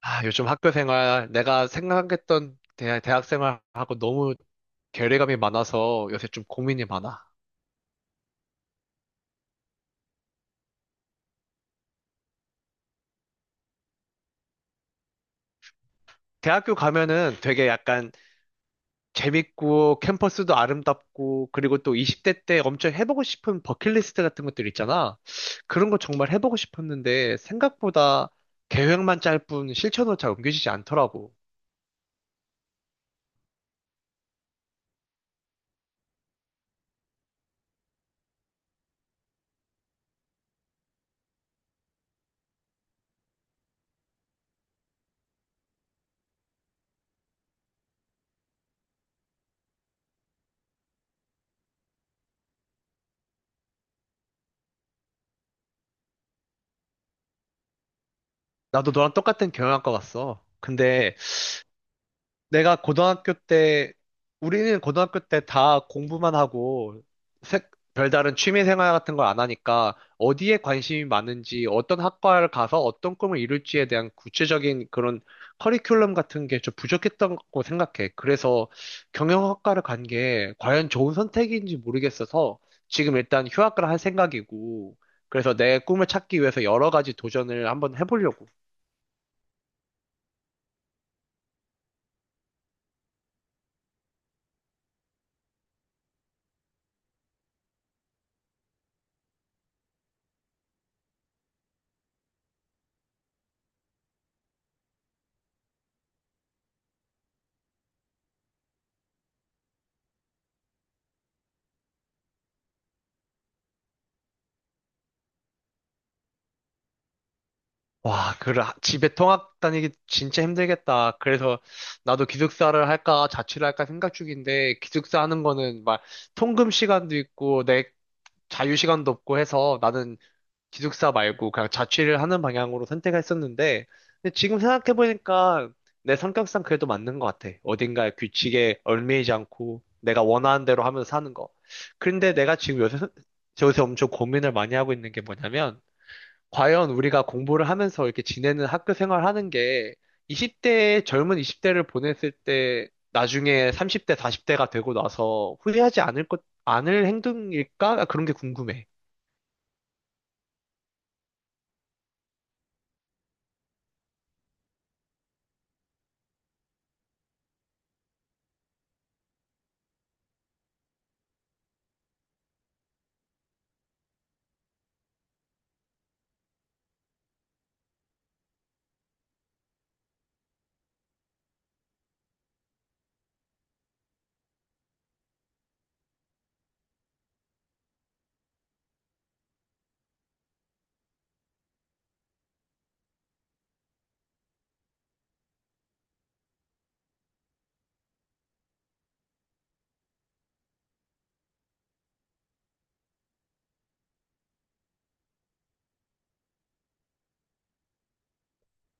아, 요즘 학교 생활, 내가 생각했던 대학 생활하고 너무 괴리감이 많아서 요새 좀 고민이 많아. 대학교 가면은 되게 약간 재밌고 캠퍼스도 아름답고 그리고 또 20대 때 엄청 해보고 싶은 버킷리스트 같은 것들 있잖아. 그런 거 정말 해보고 싶었는데 생각보다 계획만 짤 뿐 실천으로 잘 옮겨지지 않더라고. 나도 너랑 똑같은 경영학과 갔어. 근데 내가 고등학교 때, 우리는 고등학교 때 다 공부만 하고, 별다른 취미 생활 같은 걸 안 하니까, 어디에 관심이 많은지, 어떤 학과를 가서 어떤 꿈을 이룰지에 대한 구체적인 그런 커리큘럼 같은 게 좀 부족했던 거 생각해. 그래서 경영학과를 간 게 과연 좋은 선택인지 모르겠어서, 지금 일단 휴학을 할 생각이고, 그래서 내 꿈을 찾기 위해서 여러 가지 도전을 한번 해보려고. 와, 그 집에 통학 다니기 진짜 힘들겠다. 그래서 나도 기숙사를 할까 자취를 할까 생각 중인데, 기숙사 하는 거는 막 통금 시간도 있고 내 자유 시간도 없고 해서 나는 기숙사 말고 그냥 자취를 하는 방향으로 생각했었는데, 근데 지금 생각해 보니까 내 성격상 그래도 맞는 것 같아. 어딘가에 규칙에 얽매이지 않고 내가 원하는 대로 하면서 사는 거. 그런데 내가 지금 요새 엄청 고민을 많이 하고 있는 게 뭐냐면, 과연 우리가 공부를 하면서 이렇게 지내는 학교 생활하는 게 20대, 젊은 20대를 보냈을 때 나중에 30대, 40대가 되고 나서 후회하지 않을 것, 않을 행동일까? 그런 게 궁금해.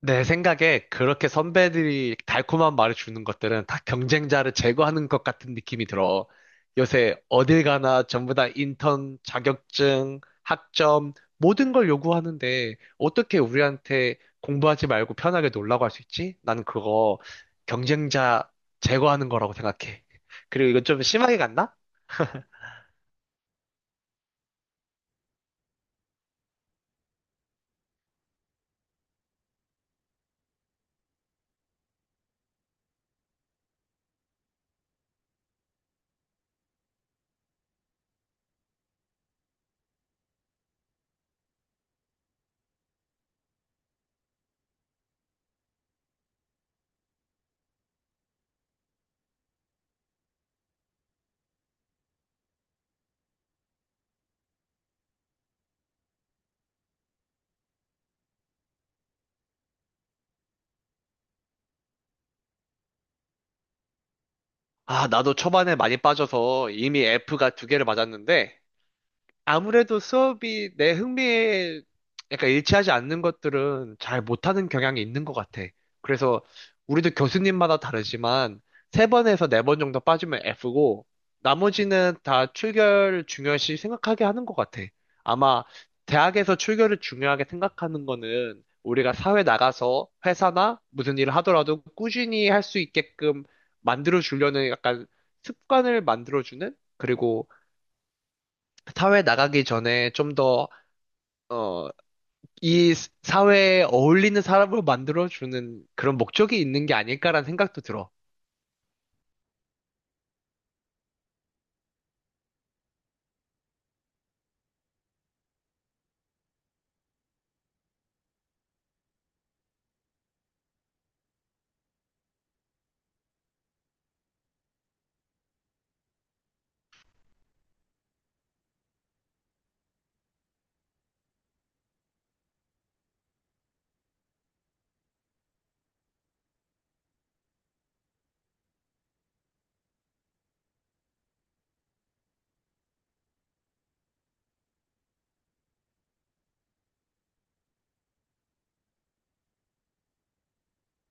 내 생각에 그렇게 선배들이 달콤한 말을 주는 것들은 다 경쟁자를 제거하는 것 같은 느낌이 들어. 요새 어딜 가나 전부 다 인턴, 자격증, 학점, 모든 걸 요구하는데 어떻게 우리한테 공부하지 말고 편하게 놀라고 할 수 있지? 나는 그거 경쟁자 제거하는 거라고 생각해. 그리고 이건 좀 심하게 갔나? 아, 나도 초반에 많이 빠져서 이미 F가 두 개를 맞았는데, 아무래도 수업이 내 흥미에 약간 일치하지 않는 것들은 잘 못하는 경향이 있는 것 같아. 그래서 우리도 교수님마다 다르지만 세 번에서 네 번 정도 빠지면 F고 나머지는 다 출결을 중요시 생각하게 하는 것 같아. 아마 대학에서 출결을 중요하게 생각하는 거는 우리가 사회 나가서 회사나 무슨 일을 하더라도 꾸준히 할 수 있게끔 만들어 주려는, 약간 습관을 만들어 주는, 그리고 사회 나가기 전에 좀 더, 어, 이 사회에 어울리는 사람으로 만들어주는 그런 목적이 있는 게 아닐까라는 생각도 들어.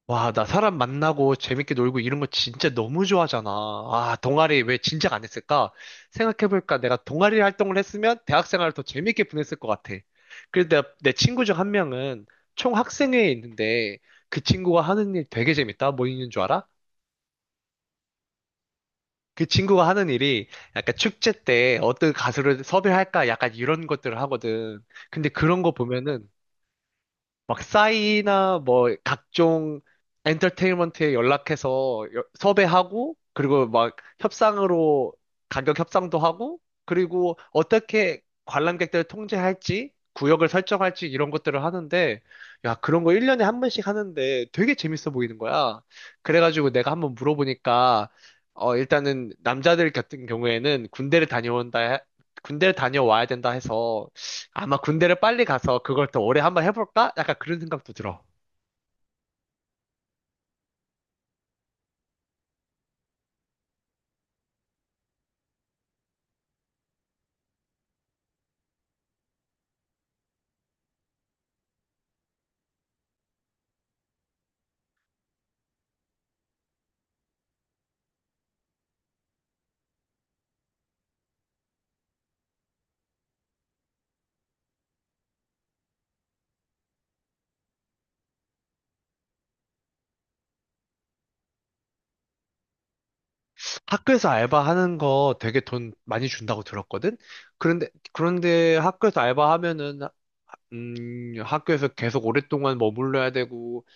와, 나 사람 만나고 재밌게 놀고 이런 거 진짜 너무 좋아하잖아. 아, 동아리 왜 진작 안 했을까? 생각해볼까? 내가 동아리 활동을 했으면 대학 생활을 더 재밌게 보냈을 것 같아. 그래서 내 친구 중 한 명은 총학생회에 있는데, 그 친구가 하는 일 되게 재밌다. 뭐 있는 줄 알아? 그 친구가 하는 일이 약간 축제 때 어떤 가수를 섭외할까, 약간 이런 것들을 하거든. 근데 그런 거 보면은 막 싸이나 뭐 각종 엔터테인먼트에 연락해서 섭외하고, 그리고 막 협상으로 가격 협상도 하고, 그리고 어떻게 관람객들을 통제할지, 구역을 설정할지 이런 것들을 하는데, 야, 그런 거 1년에 한 번씩 하는데 되게 재밌어 보이는 거야. 그래가지고 내가 한번 물어보니까, 어, 일단은 남자들 같은 경우에는 군대를 다녀와야 된다 해서, 아마 군대를 빨리 가서 그걸 더 오래 한번 해볼까? 약간 그런 생각도 들어. 학교에서 알바하는 거 되게 돈 많이 준다고 들었거든? 그런데, 학교에서 알바하면은, 학교에서 계속 오랫동안 머물러야 되고,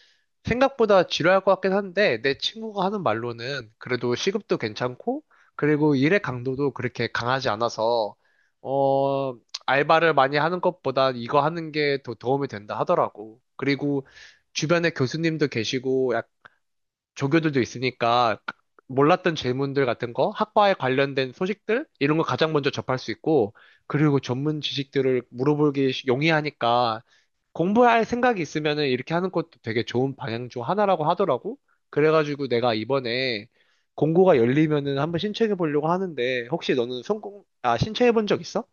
생각보다 지루할 것 같긴 한데, 내 친구가 하는 말로는 그래도 시급도 괜찮고, 그리고 일의 강도도 그렇게 강하지 않아서, 어, 알바를 많이 하는 것보다 이거 하는 게 더 도움이 된다 하더라고. 그리고 주변에 교수님도 계시고, 조교들도 있으니까 몰랐던 질문들 같은 거, 학과에 관련된 소식들 이런 거 가장 먼저 접할 수 있고, 그리고 전문 지식들을 물어보기 용이하니까 공부할 생각이 있으면은 이렇게 하는 것도 되게 좋은 방향 중 하나라고 하더라고. 그래가지고 내가 이번에 공고가 열리면은 한번 신청해 보려고 하는데, 혹시 너는 성공 아 신청해 본 적 있어?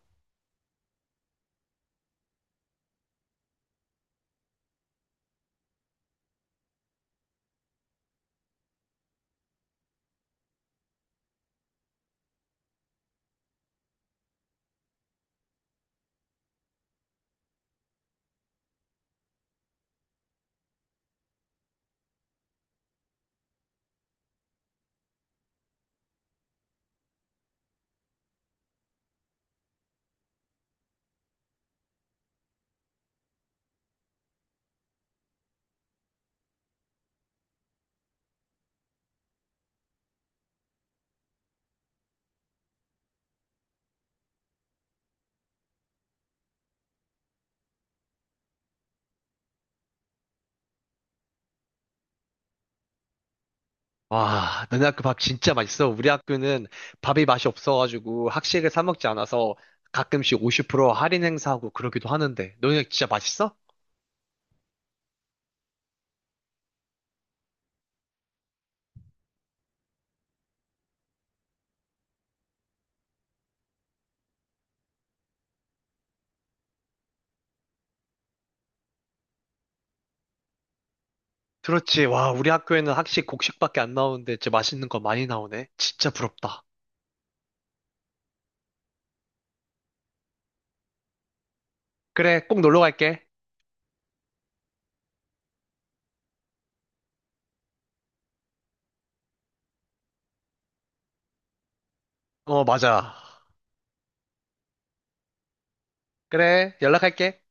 와, 너네 학교 밥 진짜 맛있어. 우리 학교는 밥이 맛이 없어가지고 학식을 사 먹지 않아서 가끔씩 50% 할인 행사하고 그러기도 하는데, 너네 진짜 맛있어? 그렇지. 와, 우리 학교에는 학식 곡식밖에 안 나오는데 진짜 맛있는 거 많이 나오네. 진짜 부럽다. 그래, 꼭 놀러 갈게. 어, 맞아. 그래, 연락할게.